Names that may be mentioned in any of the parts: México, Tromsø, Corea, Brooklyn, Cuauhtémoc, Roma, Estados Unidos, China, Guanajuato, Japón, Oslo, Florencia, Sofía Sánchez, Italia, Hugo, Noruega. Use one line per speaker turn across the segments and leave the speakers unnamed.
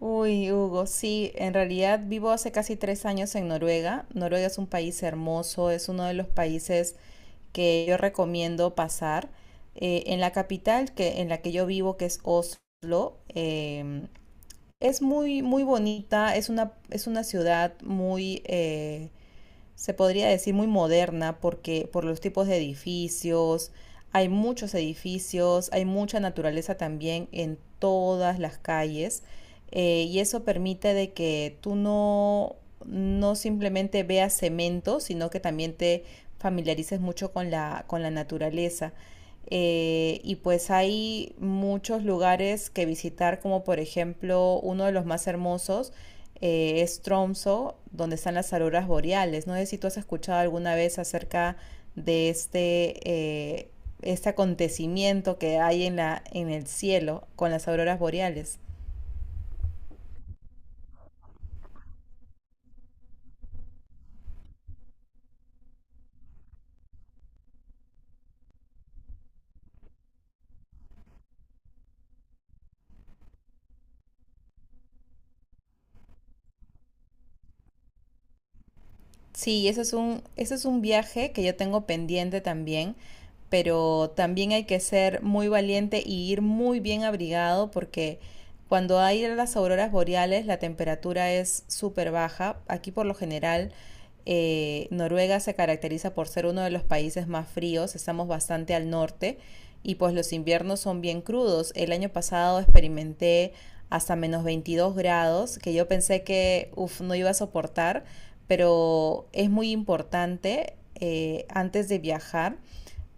Uy, Hugo, sí, en realidad vivo hace casi 3 años en Noruega. Noruega es un país hermoso, es uno de los países que yo recomiendo pasar. En la capital en la que yo vivo, que es Oslo, es muy bonita, es una ciudad muy, se podría decir muy moderna porque por los tipos de edificios, hay muchos edificios, hay mucha naturaleza también en todas las calles y eso permite de que tú no, no simplemente veas cemento, sino que también te familiarices mucho con con la naturaleza. Y pues hay muchos lugares que visitar, como por ejemplo uno de los más hermosos, es Tromsø, donde están las auroras boreales. No sé si tú has escuchado alguna vez acerca de eh, este acontecimiento que hay en el cielo con las auroras boreales. Sí, eso es un viaje que yo tengo pendiente también, pero también hay que ser muy valiente y ir muy bien abrigado porque cuando hay las auroras boreales la temperatura es súper baja. Aquí por lo general Noruega se caracteriza por ser uno de los países más fríos, estamos bastante al norte y pues los inviernos son bien crudos. El año pasado experimenté hasta -22 grados, que yo pensé que uf, no iba a soportar, pero es muy importante antes de viajar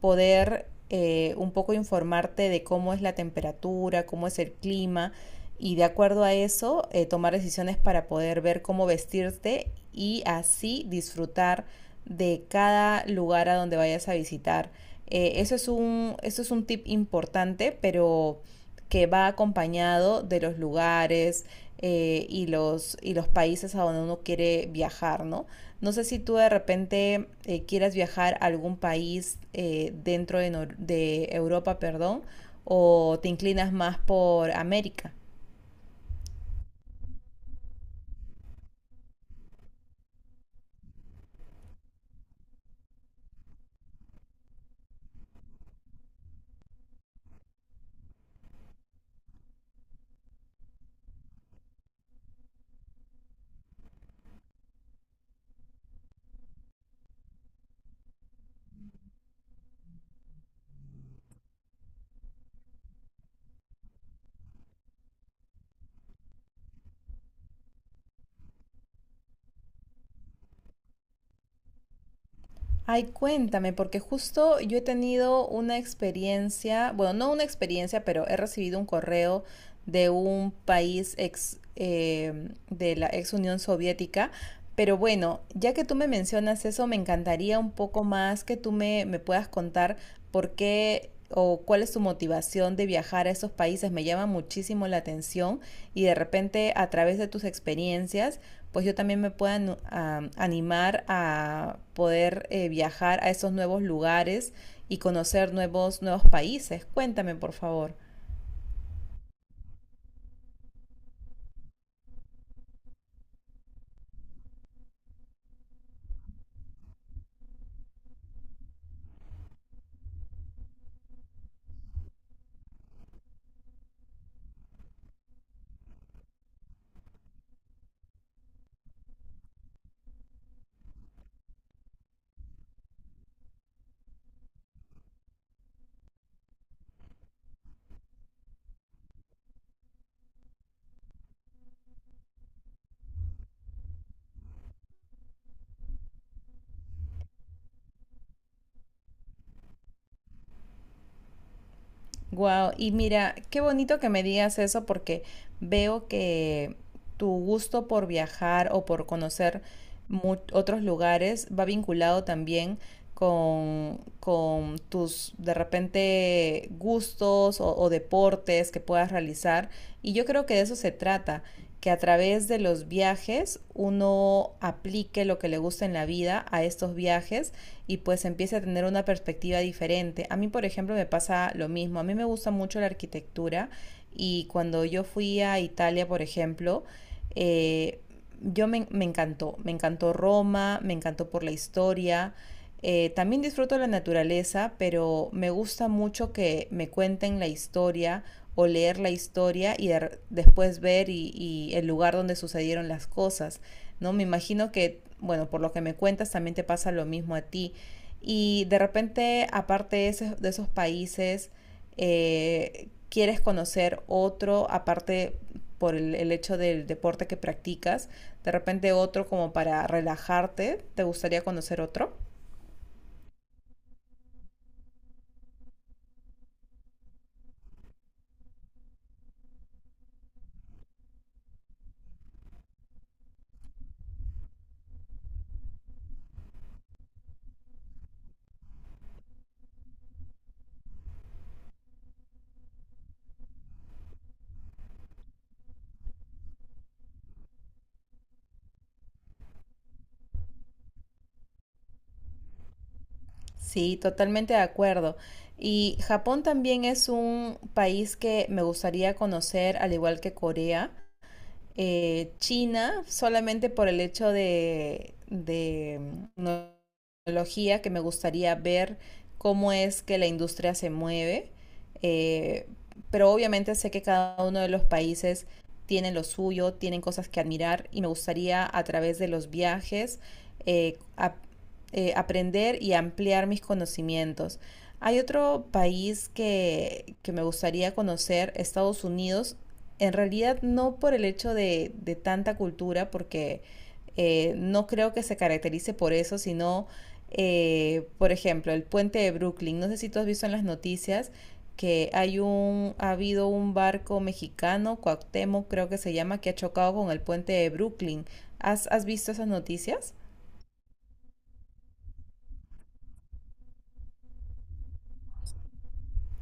poder un poco informarte de cómo es la temperatura, cómo es el clima y de acuerdo a eso tomar decisiones para poder ver cómo vestirte y así disfrutar de cada lugar a donde vayas a visitar. Eso es un tip importante, pero que va acompañado de los lugares y los países a donde uno quiere viajar, ¿no? No sé si tú de repente quieras viajar a algún país dentro de, Nor- de Europa, perdón, o te inclinas más por América. Ay, cuéntame, porque justo yo he tenido una experiencia, bueno, no una experiencia, pero he recibido un correo de un país de la ex Unión Soviética. Pero bueno, ya que tú me mencionas eso, me encantaría un poco más que tú me puedas contar por qué o cuál es tu motivación de viajar a esos países. Me llama muchísimo la atención y de repente a través de tus experiencias pues yo también me pueda animar a poder viajar a esos nuevos lugares y conocer nuevos países. Cuéntame, por favor. Wow, y mira, qué bonito que me digas eso porque veo que tu gusto por viajar o por conocer otros lugares va vinculado también con tus de repente gustos o deportes que puedas realizar. Y yo creo que de eso se trata, que a través de los viajes uno aplique lo que le gusta en la vida a estos viajes y pues empiece a tener una perspectiva diferente. A mí, por ejemplo, me pasa lo mismo. A mí me gusta mucho la arquitectura y cuando yo fui a Italia, por ejemplo, eh, me encantó Roma, me encantó por la historia. También disfruto la naturaleza, pero me gusta mucho que me cuenten la historia o leer la historia después ver el lugar donde sucedieron las cosas, ¿no? Me imagino que, bueno, por lo que me cuentas también te pasa lo mismo a ti, y de repente, esos de esos países, quieres conocer otro, aparte por el hecho del deporte que practicas, de repente otro como para relajarte, ¿te gustaría conocer otro? Sí, totalmente de acuerdo. Y Japón también es un país que me gustaría conocer, al igual que Corea. China solamente por el hecho mm, tecnología que me gustaría ver cómo es que la industria se mueve. eh, pero obviamente sé que cada uno de los países tienen lo suyo, tienen cosas que admirar y me gustaría a través de los viajes eh, ap- aprender y ampliar mis conocimientos. Hay otro país que me gustaría conocer, Estados Unidos, en realidad no por el hecho de tanta cultura, porque no creo que se caracterice por eso, sino, por ejemplo, el puente de Brooklyn. No sé si tú has visto en las noticias que hay un, ha habido un barco mexicano, Cuauhtémoc creo que se llama, que ha chocado con el puente de Brooklyn. Has visto esas noticias?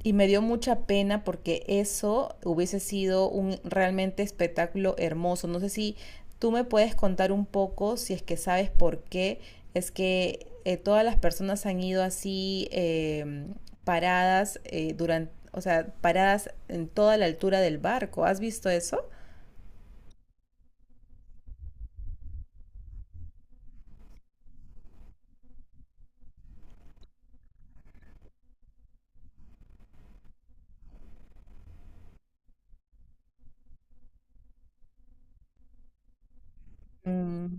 Y me dio mucha pena porque eso hubiese sido un realmente espectáculo hermoso. No sé si tú me puedes contar un poco, si es que sabes por qué es que todas las personas han ido así paradas o sea, paradas en toda la altura del barco. ¿Has visto eso? Mm.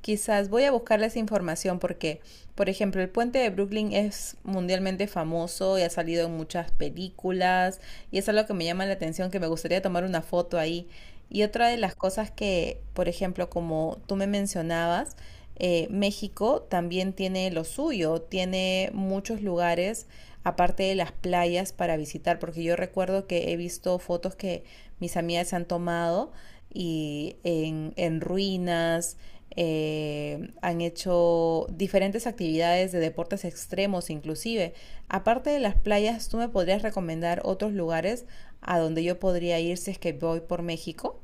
Quizás voy a buscarles información porque, por ejemplo, el puente de Brooklyn es mundialmente famoso y ha salido en muchas películas y es algo que me llama la atención, que me gustaría tomar una foto ahí. Y otra de las cosas que, por ejemplo, como tú me mencionabas, México también tiene lo suyo, tiene muchos lugares aparte de las playas para visitar, porque yo recuerdo que he visto fotos que mis amigas han tomado y en ruinas han hecho diferentes actividades de deportes extremos inclusive. Aparte de las playas, ¿tú me podrías recomendar otros lugares a donde yo podría ir si es que voy por México?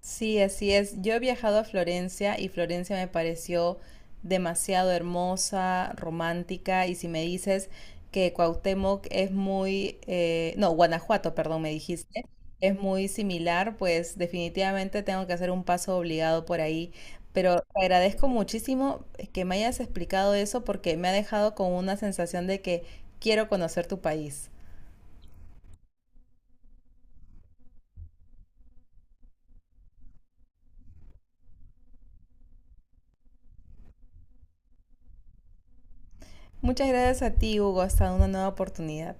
Sí, así es. Yo he viajado a Florencia y Florencia me pareció demasiado hermosa, romántica. Y si me dices que Cuauhtémoc es muy, no, Guanajuato, perdón, me dijiste, es muy similar, pues definitivamente tengo que hacer un paso obligado por ahí. Pero te agradezco muchísimo que me hayas explicado eso porque me ha dejado con una sensación de que quiero conocer tu país. Muchas gracias a ti, Hugo. Hasta una nueva oportunidad.